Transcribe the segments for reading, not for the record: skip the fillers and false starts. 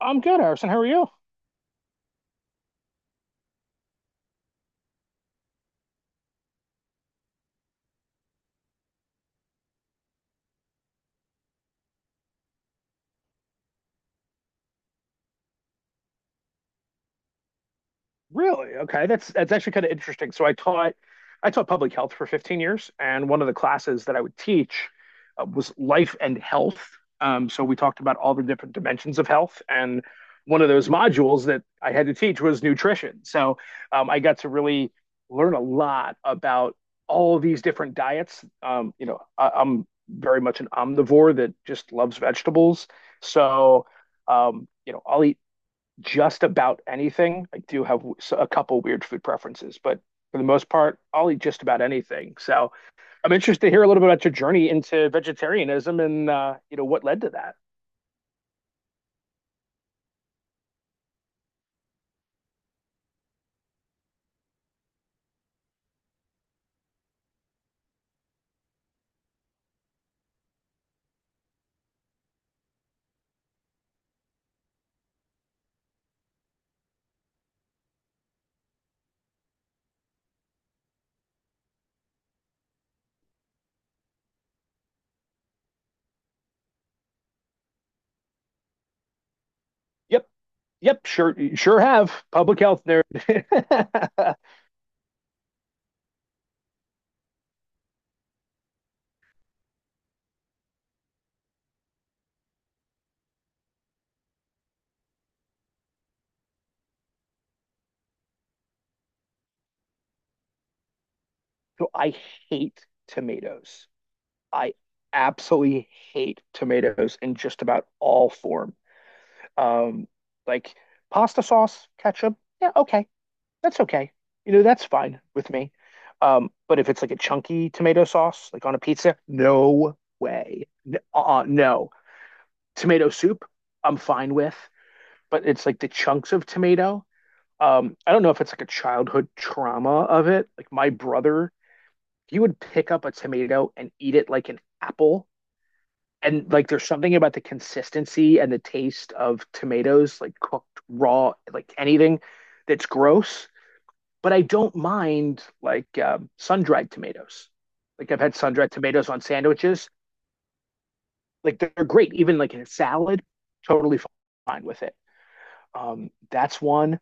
I'm good, Harrison. How are you? Really? Okay, that's actually kind of interesting. So I taught public health for 15 years, and one of the classes that I would teach was life and health. So we talked about all the different dimensions of health, and one of those modules that I had to teach was nutrition. So I got to really learn a lot about all these different diets. You know, I'm very much an omnivore that just loves vegetables. So, you know, I'll eat just about anything. I do have a couple weird food preferences, but for the most part, I'll eat just about anything. So I'm interested to hear a little bit about your journey into vegetarianism and you know what led to that. Yep, yep, sure, sure have. Public health nerd. So I hate tomatoes. I absolutely hate tomatoes in just about all form. Um, like pasta sauce, ketchup, yeah, okay, that's okay. You know, that's fine with me. But if it's like a chunky tomato sauce, like on a pizza, no way. No. Tomato soup, I'm fine with, but it's like the chunks of tomato. I don't know if it's like a childhood trauma of it. Like my brother, he would pick up a tomato and eat it like an apple. And like there's something about the consistency and the taste of tomatoes, like cooked raw, like anything that's gross, but I don't mind like sun dried tomatoes. Like I've had sun dried tomatoes on sandwiches. Like they're great, even like in a salad, totally fine with it. That's one.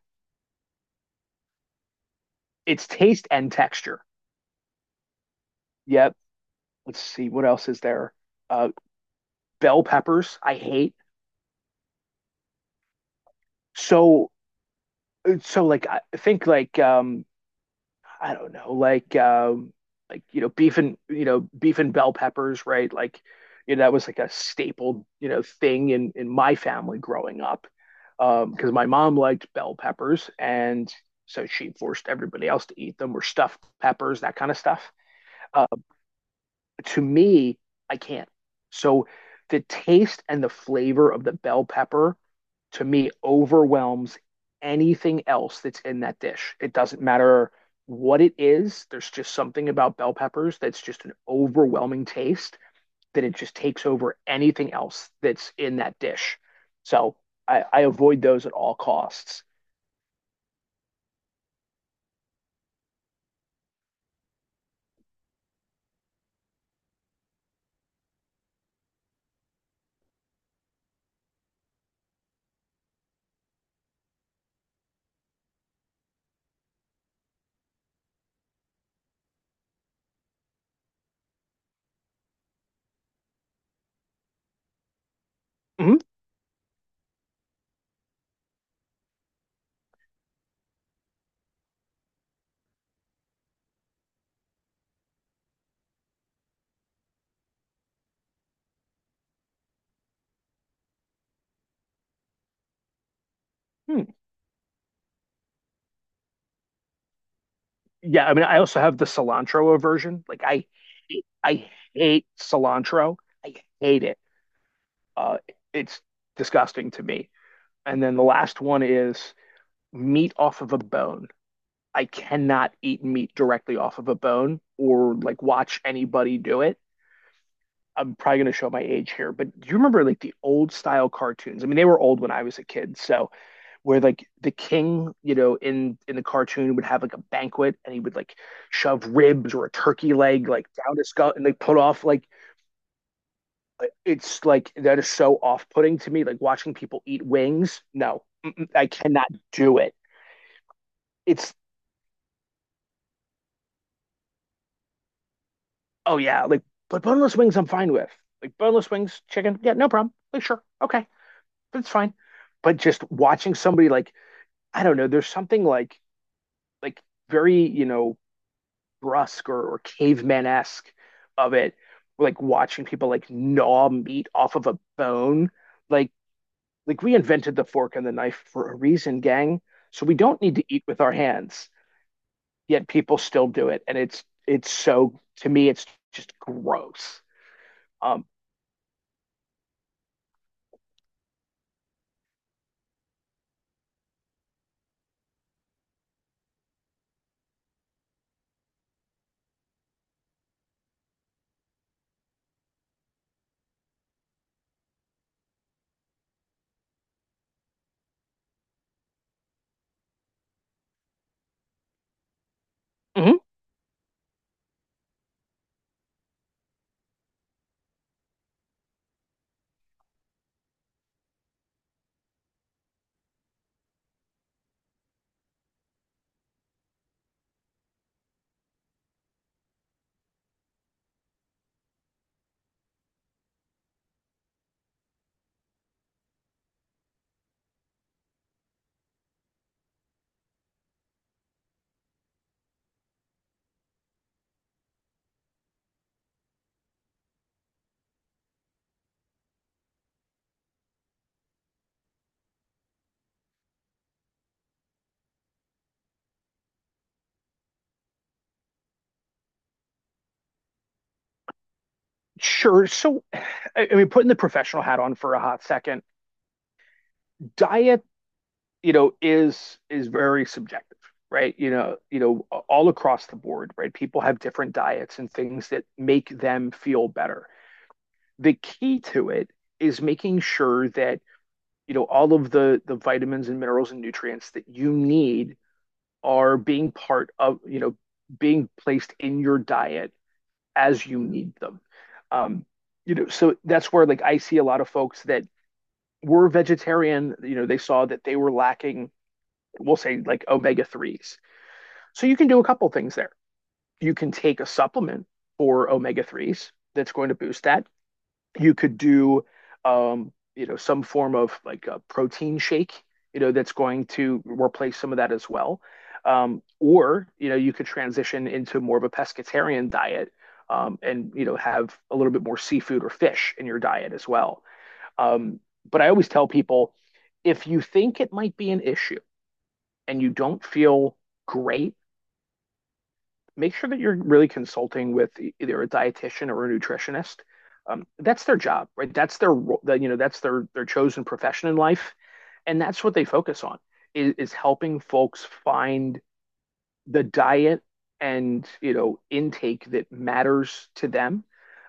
It's taste and texture. Yep. Let's see what else is there. Uh, Bell peppers, I hate. So so I don't know, like you know, beef and you know, beef and bell peppers, right? Like, you know, that was like a staple, you know, thing in my family growing up, because my mom liked bell peppers, and so she forced everybody else to eat them, or stuffed peppers, that kind of stuff. Uh, to me, I can't. So the taste and the flavor of the bell pepper to me overwhelms anything else that's in that dish. It doesn't matter what it is. There's just something about bell peppers that's just an overwhelming taste that it just takes over anything else that's in that dish. So I avoid those at all costs. Mhm. Hmm. Yeah, I mean, I also have the cilantro aversion. I hate cilantro. I hate it. Uh, it's disgusting to me. And then the last one is meat off of a bone. I cannot eat meat directly off of a bone or like watch anybody do it. I'm probably going to show my age here, but do you remember like the old style cartoons? I mean, they were old when I was a kid. So where like the king, you know, in the cartoon would have like a banquet and he would like shove ribs or a turkey leg like down his skull and like put off like it's like that is so off-putting to me. Like watching people eat wings. No, I cannot do it. It's oh yeah, like but boneless wings I'm fine with. Like boneless wings, chicken, yeah, no problem. Like sure, okay, that's fine. But just watching somebody like I don't know, there's something like very you know brusque or, caveman esque of it, like watching people like gnaw meat off of a bone. Like like we invented the fork and the knife for a reason, gang. So we don't need to eat with our hands. Yet people still do it, and it's so to me it's just gross. Um, mhm. Sure. So, I mean, putting the professional hat on for a hot second, diet, you know, is very subjective, right? You know, all across the board, right? People have different diets and things that make them feel better. The key to it is making sure that, you know, all of the vitamins and minerals and nutrients that you need are being part of, you know, being placed in your diet as you need them. Um, you know, so that's where like I see a lot of folks that were vegetarian, you know, they saw that they were lacking, we'll say like omega 3's. So you can do a couple things there. You can take a supplement for omega 3's that's going to boost that. You could do, you know, some form of like a protein shake, you know, that's going to replace some of that as well. Or, you know, you could transition into more of a pescatarian diet and, you know, have a little bit more seafood or fish in your diet as well. Um, but I always tell people if you think it might be an issue and you don't feel great, make sure that you're really consulting with either a dietitian or a nutritionist. That's their job, right? That's their that you know that's their chosen profession in life, and that's what they focus on is helping folks find the diet and you know intake that matters to them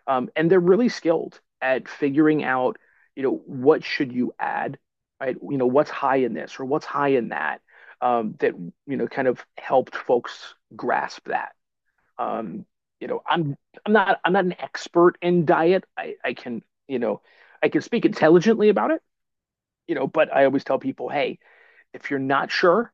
and they're really skilled at figuring out you know what should you add right you know what's high in this or what's high in that that you know kind of helped folks grasp that um, you know I'm not an expert in diet I can you know I can speak intelligently about it you know but I always tell people hey if you're not sure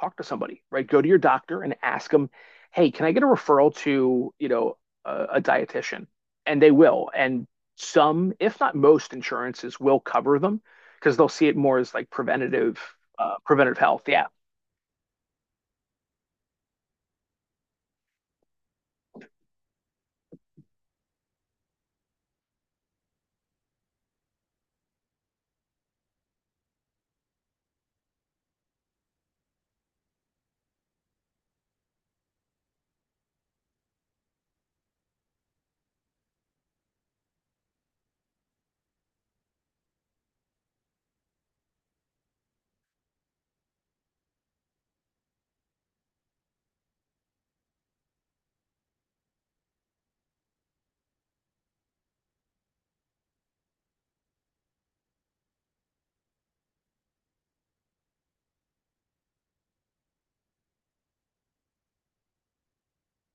talk to somebody, right? Go to your doctor and ask them, hey, can I get a referral to, you know, a dietitian? And they will. And some, if not most insurances will cover them because they'll see it more as like preventative, preventative health. Yeah.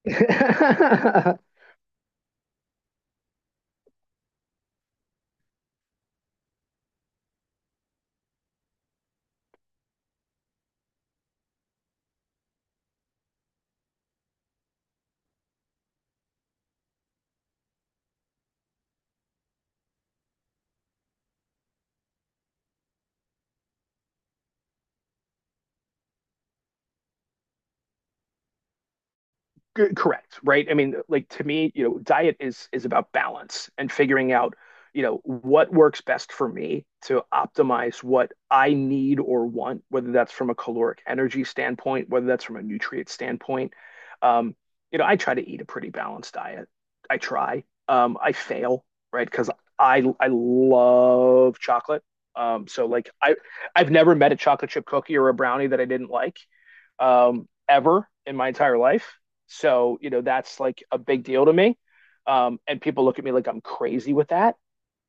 Correct, right? I mean, like to me, you know, diet is about balance and figuring out, you know, what works best for me to optimize what I need or want, whether that's from a caloric energy standpoint, whether that's from a nutrient standpoint. Um, you know, I try to eat a pretty balanced diet. I try. I fail, right? Because I love chocolate. So I've never met a chocolate chip cookie or a brownie that I didn't like ever in my entire life. So, you know, that's like a big deal to me. And people look at me like I'm crazy with that.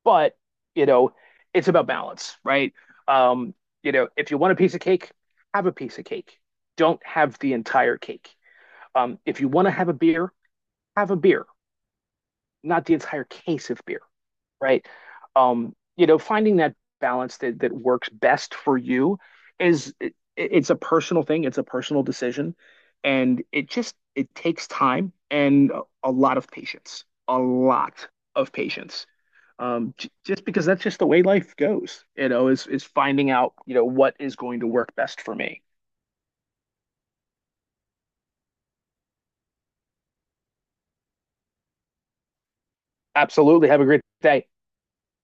But, you know, it's about balance, right? Um, you know, if you want a piece of cake, have a piece of cake. Don't have the entire cake. If you want to have a beer, not the entire case of beer, right? You know, finding that balance that works best for you is it's a personal thing, it's a personal decision, and it just it takes time and a lot of patience, a lot of patience. J just because that's just the way life goes, you know, is finding out, you know, what is going to work best for me. Absolutely. Have a great day.